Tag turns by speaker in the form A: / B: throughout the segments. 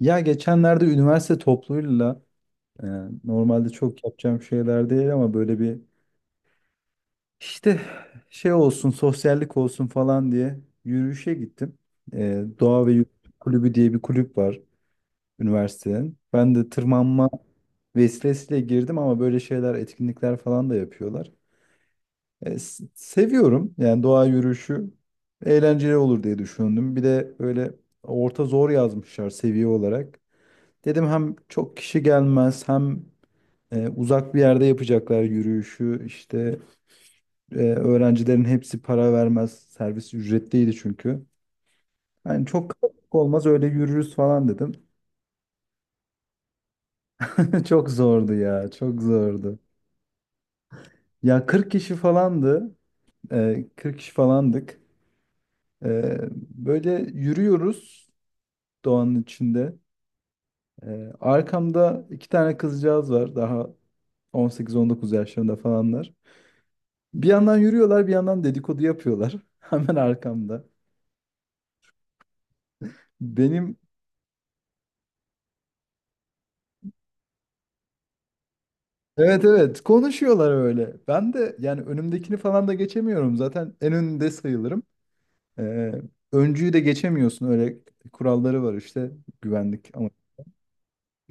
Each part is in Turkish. A: Ya geçenlerde üniversite topluluğuyla e, normalde çok yapacağım şeyler değil ama böyle bir işte şey olsun sosyallik olsun falan diye yürüyüşe gittim. Doğa ve Yürüyüş Kulübü diye bir kulüp var üniversitenin. Ben de tırmanma vesilesiyle girdim ama böyle şeyler etkinlikler falan da yapıyorlar. Seviyorum yani, doğa yürüyüşü eğlenceli olur diye düşündüm. Bir de böyle orta zor yazmışlar seviye olarak. Dedim hem çok kişi gelmez hem uzak bir yerde yapacaklar yürüyüşü. İşte öğrencilerin hepsi para vermez. Servis ücretliydi çünkü. Yani çok kalabalık olmaz, öyle yürürüz falan dedim. Çok zordu ya, çok zordu. Ya 40 kişi falandı. 40 kişi falandık. E, Böyle yürüyoruz doğanın içinde. Arkamda iki tane kızcağız var, daha 18-19 yaşlarında falanlar. Bir yandan yürüyorlar, bir yandan dedikodu yapıyorlar. Hemen arkamda. Benim, evet evet, konuşuyorlar öyle. Ben de yani önümdekini falan da geçemiyorum. Zaten en önünde sayılırım. Ee, Öncüyü de geçemiyorsun. Öyle kuralları var işte, güvenlik ama.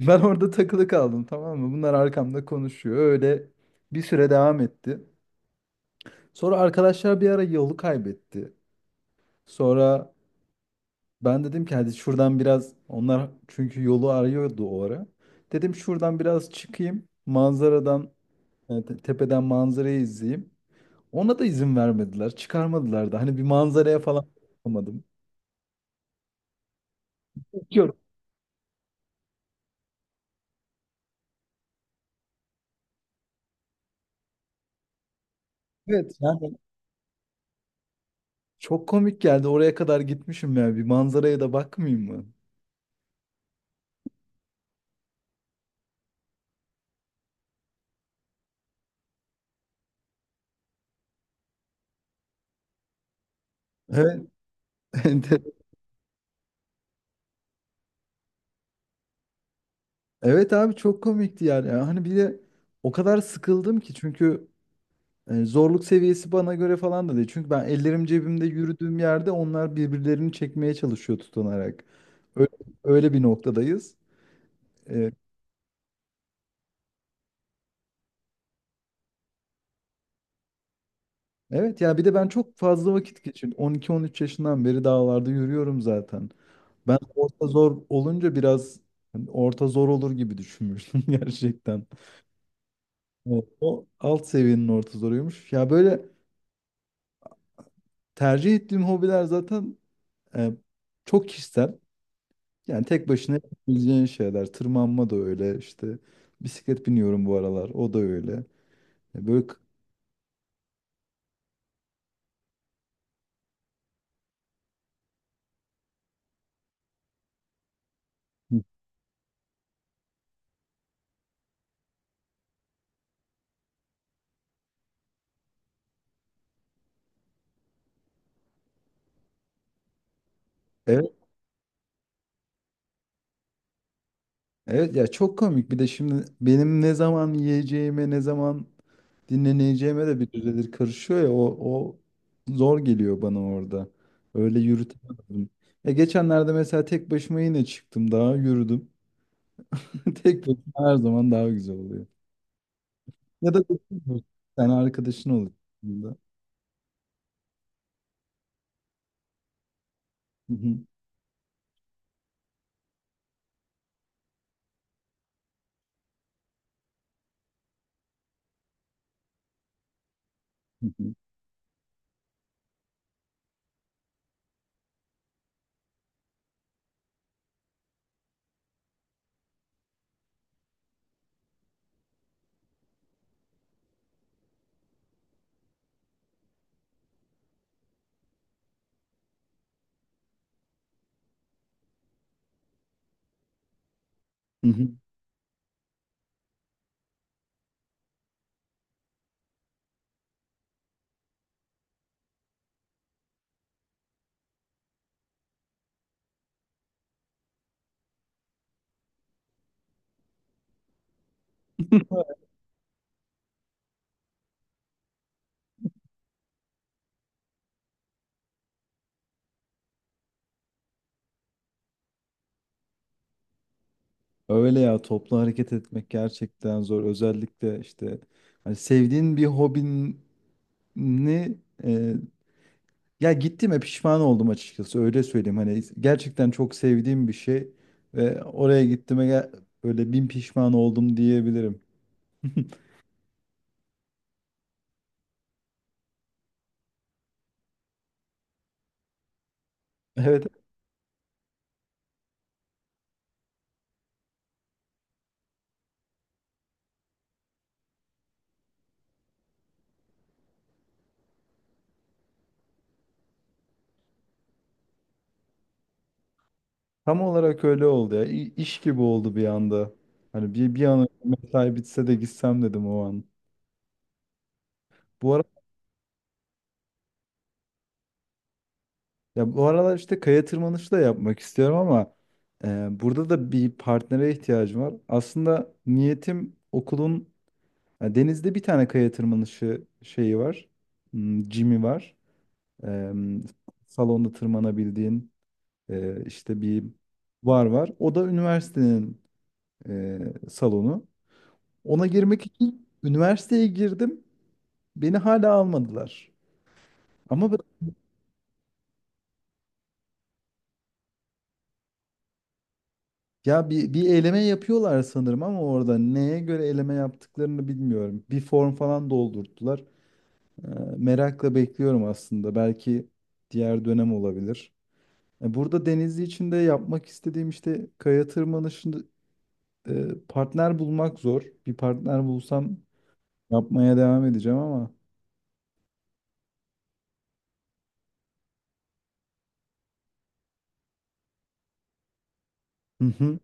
A: Ben orada takılı kaldım, tamam mı? Bunlar arkamda konuşuyor. Öyle bir süre devam etti. Sonra arkadaşlar bir ara yolu kaybetti. Sonra ben dedim ki hadi şuradan biraz, onlar çünkü yolu arıyordu o ara. Dedim şuradan biraz çıkayım. Manzaradan tepeden manzarayı izleyeyim. Ona da izin vermediler. Çıkarmadılar da. Hani bir manzaraya falan bakamadım. Bakıyorum. Evet. Yani çok komik geldi. Oraya kadar gitmişim ya. Bir manzaraya da bakmayayım mı? Evet. Evet abi, çok komikti yani. Yani hani bir de o kadar sıkıldım ki çünkü zorluk seviyesi bana göre falan da değil. Çünkü ben ellerim cebimde yürüdüğüm yerde onlar birbirlerini çekmeye çalışıyor tutunarak. Öyle, öyle bir noktadayız. E, evet ya, bir de ben çok fazla vakit geçirdim. 12-13 yaşından beri dağlarda yürüyorum zaten. Ben orta zor olunca biraz, hani orta zor olur gibi düşünmüştüm gerçekten. O alt seviyenin orta zoruymuş. Ya böyle tercih ettiğim hobiler zaten e, çok kişisel. Yani tek başına yapabileceğin şeyler. Tırmanma da öyle işte. Bisiklet biniyorum bu aralar. O da öyle. Ya Böyle k- evet, evet ya çok komik. Bir de şimdi benim ne zaman yiyeceğime, ne zaman dinleneceğime de bir düzedir karışıyor ya. O zor geliyor bana orada. Öyle yürütemedim. Ya geçenlerde mesela tek başıma yine çıktım, daha yürüdüm. Tek başıma her zaman daha güzel oluyor. Ya da sen arkadaşın olur. Hı hı. Hı hı. Hı hı. Öyle ya, toplu hareket etmek gerçekten zor. Özellikle işte hani sevdiğin bir hobini e, ya, gittiğime pişman oldum açıkçası, öyle söyleyeyim. Hani gerçekten çok sevdiğim bir şey ve oraya böyle bin pişman oldum diyebilirim. Evet, tam olarak öyle oldu ya. İş gibi oldu bir anda. Hani bir an önce mesai bitse de gitsem dedim o an. Ya bu aralar işte kaya tırmanışı da yapmak istiyorum ama burada da bir partnere ihtiyacım var. Aslında niyetim okulun, ya denizde bir tane kaya tırmanışı şeyi var. Hmm, Jim'i var. E, Salonda tırmanabildiğin işte bir var. O da üniversitenin salonu. Ona girmek için üniversiteye girdim. Beni hala almadılar. Ama ya bir eleme yapıyorlar sanırım, ama orada neye göre eleme yaptıklarını bilmiyorum. Bir form falan doldurttular. Ee, Merakla bekliyorum aslında. Belki diğer dönem olabilir. Burada Denizli için de yapmak istediğim işte kaya tırmanışında partner bulmak zor. Bir partner bulsam yapmaya devam edeceğim ama. Hı hı.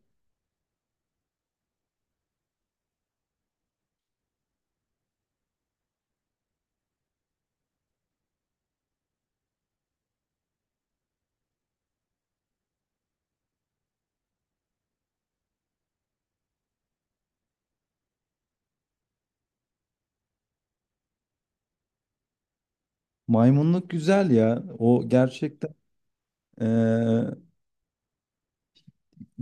A: Maymunluk güzel ya. O gerçekten. e,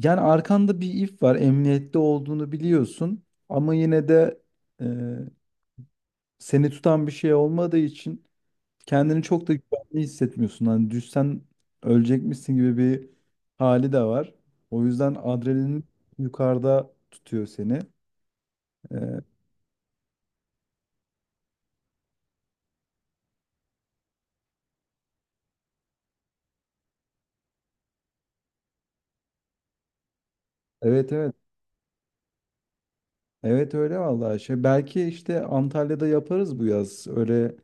A: Yani arkanda bir if var. Emniyette olduğunu biliyorsun. Ama yine de e, seni tutan bir şey olmadığı için kendini çok da güvenli hissetmiyorsun. Hani düşsen ölecekmişsin gibi bir hali de var. O yüzden adrenalin yukarıda tutuyor seni. Ee, evet, evet. Evet öyle vallahi şey. Belki işte Antalya'da yaparız bu yaz. Öyle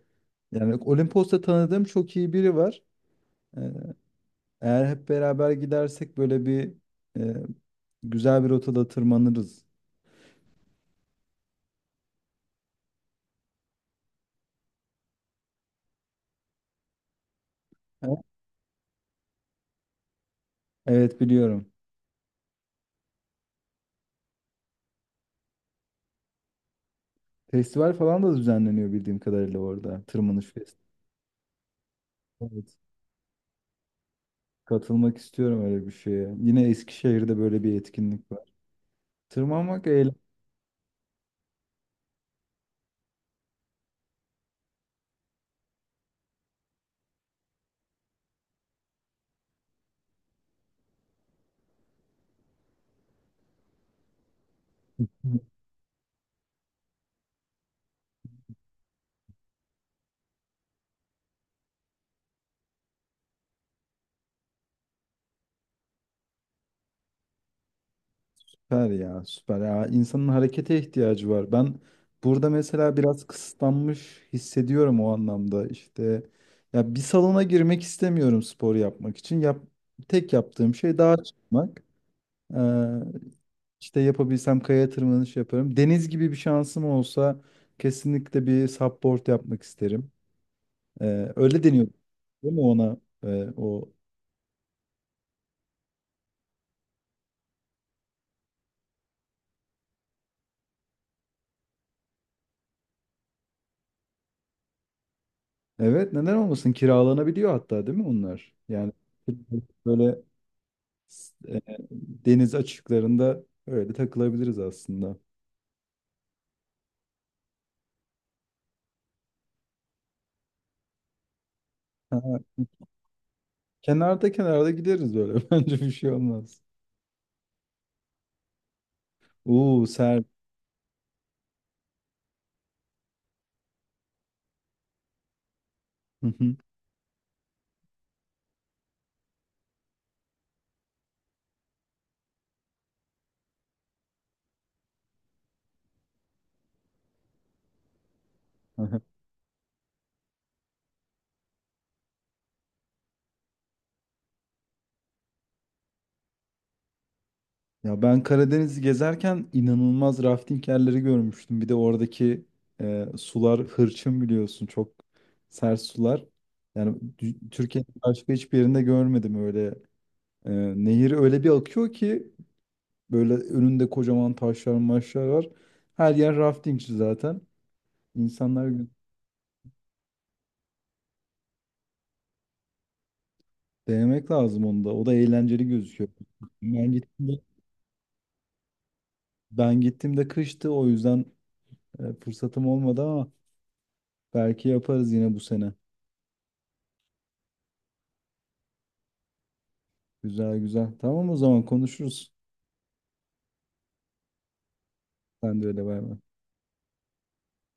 A: yani Olimpos'ta tanıdığım çok iyi biri var. Ee, Eğer hep beraber gidersek böyle bir e, güzel bir rotada tırmanırız. Evet, biliyorum. Festival falan da düzenleniyor bildiğim kadarıyla orada. Tırmanış Fest. Evet. Katılmak istiyorum öyle bir şeye. Yine Eskişehir'de böyle bir etkinlik var. Tırmanmak eğlenceli. Süper ya, süper ya. İnsanın harekete ihtiyacı var. Ben burada mesela biraz kısıtlanmış hissediyorum o anlamda. İşte ya, bir salona girmek istemiyorum spor yapmak için. Tek yaptığım şey dağa çıkmak. İşte yapabilsem kaya tırmanış yaparım. Deniz gibi bir şansım olsa kesinlikle bir supboard yapmak isterim. Öyle deniyor değil mi ona? O Evet, neden olmasın, kiralanabiliyor hatta değil mi onlar? Yani böyle e, deniz açıklarında öyle takılabiliriz aslında. Ha, kenarda kenarda gideriz böyle, bence bir şey olmaz. Oo ser. Ya ben Karadeniz'i gezerken inanılmaz rafting yerleri görmüştüm. Bir de oradaki sular hırçın biliyorsun, çok sert sular. Türkiye'nin başka hiçbir yerinde görmedim öyle. E, Nehir öyle bir akıyor ki, böyle önünde kocaman taşlar maşlar var. Her yer raftingçi zaten. İnsanlar, denemek lazım onu da. O da eğlenceli gözüküyor. Ben gittiğimde, ben gittiğimde kıştı, o yüzden fırsatım olmadı, ama belki yaparız yine bu sene. Güzel güzel. Tamam, o zaman konuşuruz. Sen de öyle, bay bay.